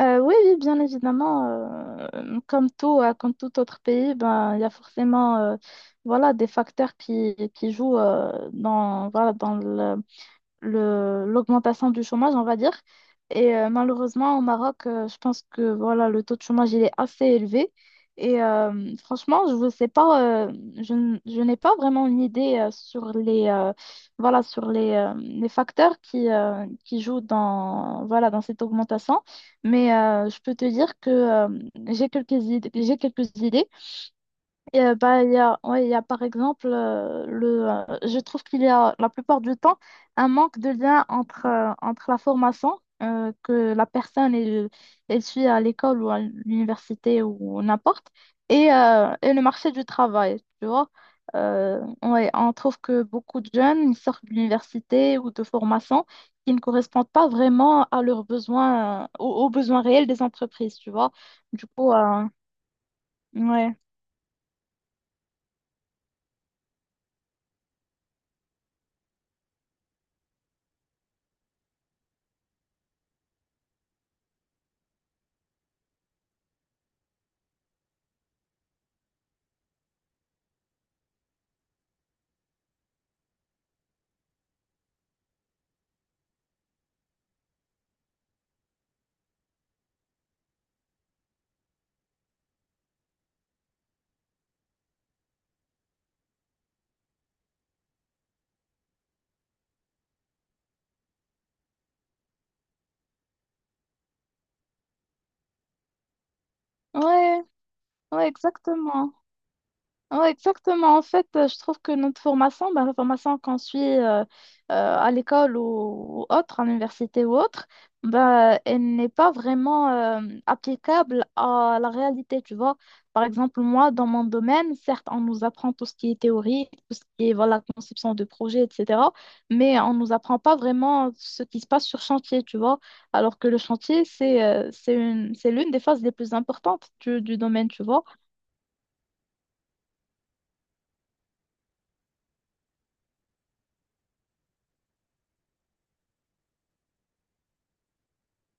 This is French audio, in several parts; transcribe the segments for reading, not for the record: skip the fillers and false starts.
Oui, bien évidemment, comme tout autre pays, ben, il y a forcément voilà, des facteurs qui jouent dans, voilà, dans l'augmentation du chômage, on va dire. Et malheureusement, au Maroc, je pense que voilà, le taux de chômage il est assez élevé. Et franchement, je ne sais pas, je n'ai pas vraiment une idée voilà, sur les facteurs qui jouent dans, voilà, dans cette augmentation. Mais je peux te dire que j'ai quelques idées et bah, il y a par exemple, je trouve qu'il y a la plupart du temps un manque de lien entre la formation que la personne elle suit à l'école ou à l'université ou n'importe et le marché du travail, tu vois. Ouais, on trouve que beaucoup de jeunes ils sortent de l'université ou de formation qui ne correspondent pas vraiment à leurs besoins, aux besoins réels des entreprises, tu vois. Du coup, ouais. Ouais. Ouais, exactement. Ouais, exactement. En fait, je trouve que notre formation, ben, la formation qu'on suit à l'école ou autre, à l'université ou autre, ben, elle n'est pas vraiment applicable à la réalité, tu vois. Par exemple, moi, dans mon domaine, certes, on nous apprend tout ce qui est théorie, tout ce qui est voilà, conception de projet, etc. Mais on ne nous apprend pas vraiment ce qui se passe sur chantier, tu vois. Alors que le chantier, c'est une, c'est l'une des phases les plus importantes du domaine, tu vois.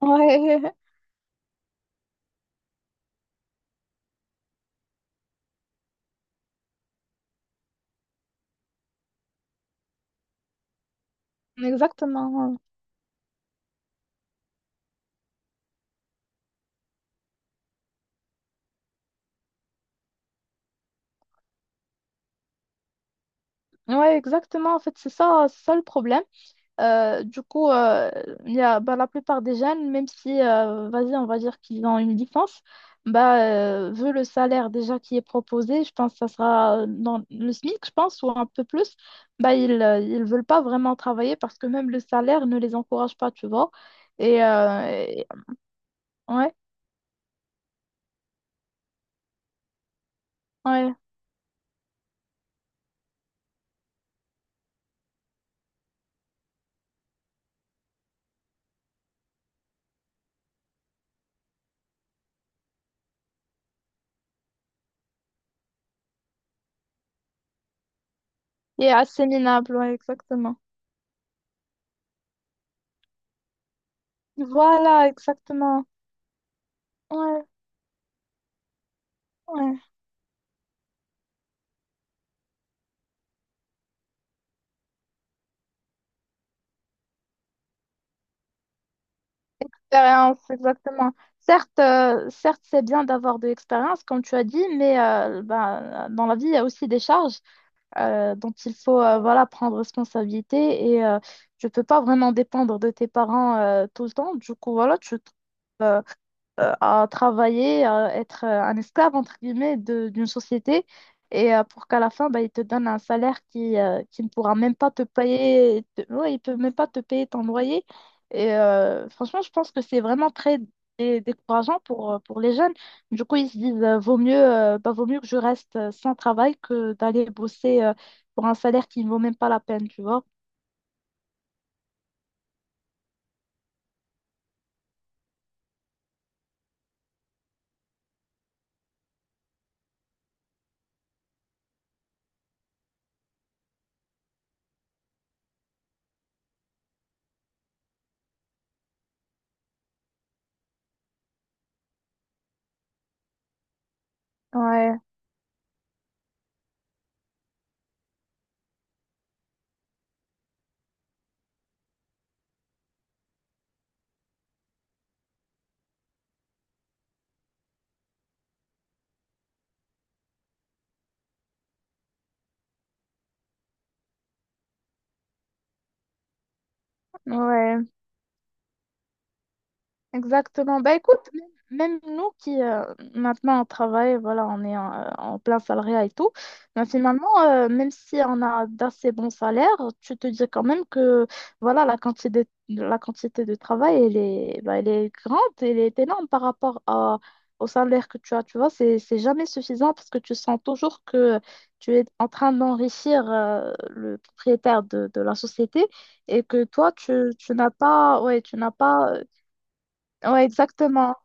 Ouais, exactement. Ouais, exactement. En fait, c'est ça le problème. Du coup, il y a, bah, la plupart des jeunes, même si, vas-y, on va dire qu'ils ont une licence, vu le salaire déjà qui est proposé, je pense que ça sera dans le SMIC, je pense, ou un peu plus, bah, ils veulent pas vraiment travailler parce que même le salaire ne les encourage pas, tu vois. Et, euh, et- ouais, ouais. Et assez minable, ouais, exactement. Voilà, exactement. Ouais, ouais. Expérience, exactement. Certes, c'est bien d'avoir de l'expérience, comme tu as dit, mais ben, dans la vie, il y a aussi des charges dont il faut voilà, prendre responsabilité et tu ne peux pas vraiment dépendre de tes parents tout le temps. Du coup, voilà, tu trouves à travailler, à être un esclave, entre guillemets, d'une société, et pour qu'à la fin, bah, il te donne un salaire qui ne pourra même pas te payer, ouais, il peut même pas te payer ton loyer. Et franchement, je pense que c'est vraiment très décourageant pour les jeunes. Du coup, ils se disent, vaut mieux, bah, vaut mieux que je reste sans travail que d'aller bosser pour un salaire qui ne vaut même pas la peine, tu vois. Ouais, ouais. Exactement. Bah écoute, même nous qui maintenant on travaille, voilà, on est en plein salariat et tout, mais finalement, même si on a d'assez bons salaires, tu te dis quand même que voilà, la quantité de travail, elle est, bah, elle est grande, elle est énorme au salaire que tu as. Tu vois, c'est jamais suffisant parce que tu sens toujours que tu es en train d'enrichir le propriétaire de la société et que tu n'as pas, ouais, tu n'as pas. Ouais, exactement.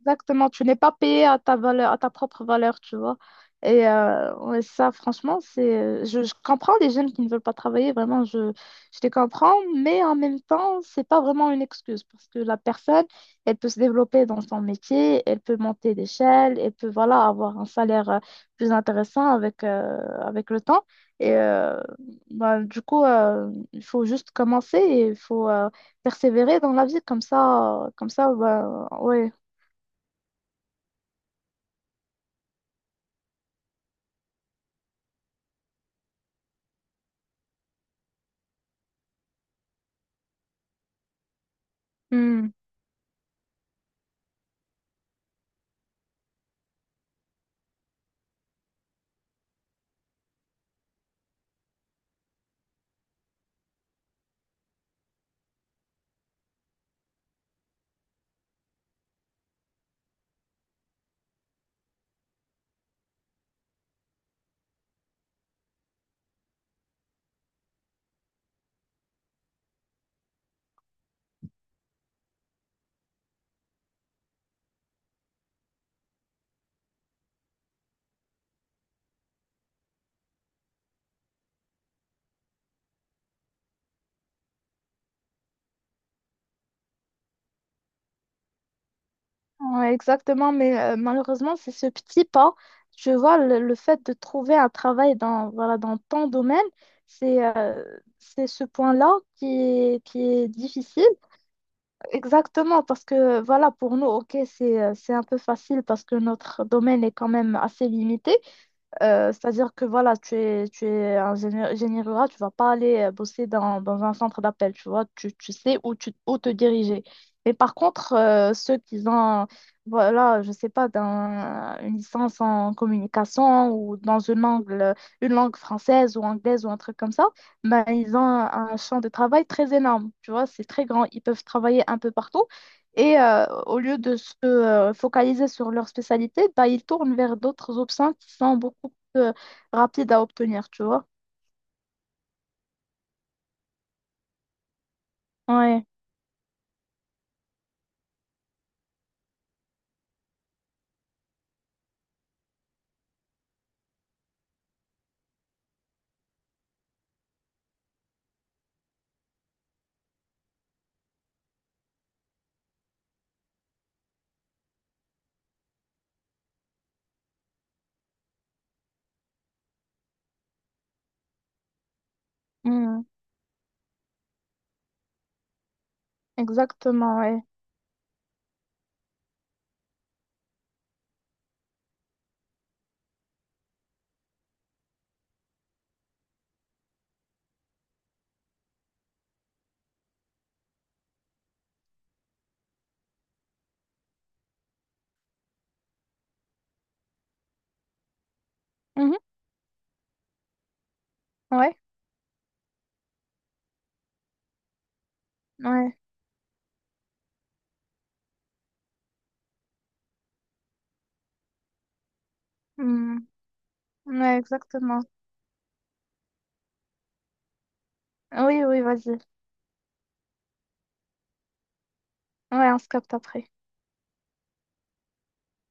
Exactement, tu n'es pas payé à ta valeur, à ta propre valeur, tu vois. Et ouais, ça, franchement, je comprends les jeunes qui ne veulent pas travailler, vraiment, je les comprends, mais en même temps, c'est pas vraiment une excuse parce que la personne, elle peut se développer dans son métier, elle peut monter d'échelle, elle peut, voilà, avoir un salaire plus intéressant avec, avec le temps. Et bah, du coup, il faut juste commencer et il faut persévérer dans la vie, comme ça, bah, ouais. Hmm. Ouais, exactement, mais malheureusement, c'est ce petit pas. Tu vois, le fait de trouver un travail dans, voilà, dans ton domaine, c'est euh, c'est ce point-là qui est difficile. Exactement, parce que voilà, pour nous, ok, c'est un peu facile parce que notre domaine est quand même assez limité, c'est-à-dire que voilà, tu es un génie, génie rural, tu vas pas aller bosser dans, dans un centre d'appel, tu vois, tu sais où te diriger. Mais par contre, ceux qui ont, voilà, je sais pas, une licence en communication ou dans une langue française ou anglaise ou un truc comme ça, ben, ils ont un champ de travail très énorme, tu vois, c'est très grand, ils peuvent travailler un peu partout. Et au lieu de se focaliser sur leur spécialité, bah, ils tournent vers d'autres options qui sont beaucoup euh, rapide à obtenir, tu vois. Ouais. Mm, Exactement, ouais. Mhm, Ouais, ouais. Mm, Ouais, exactement. Oui, oui, vas-y. Ouais, on se capte après.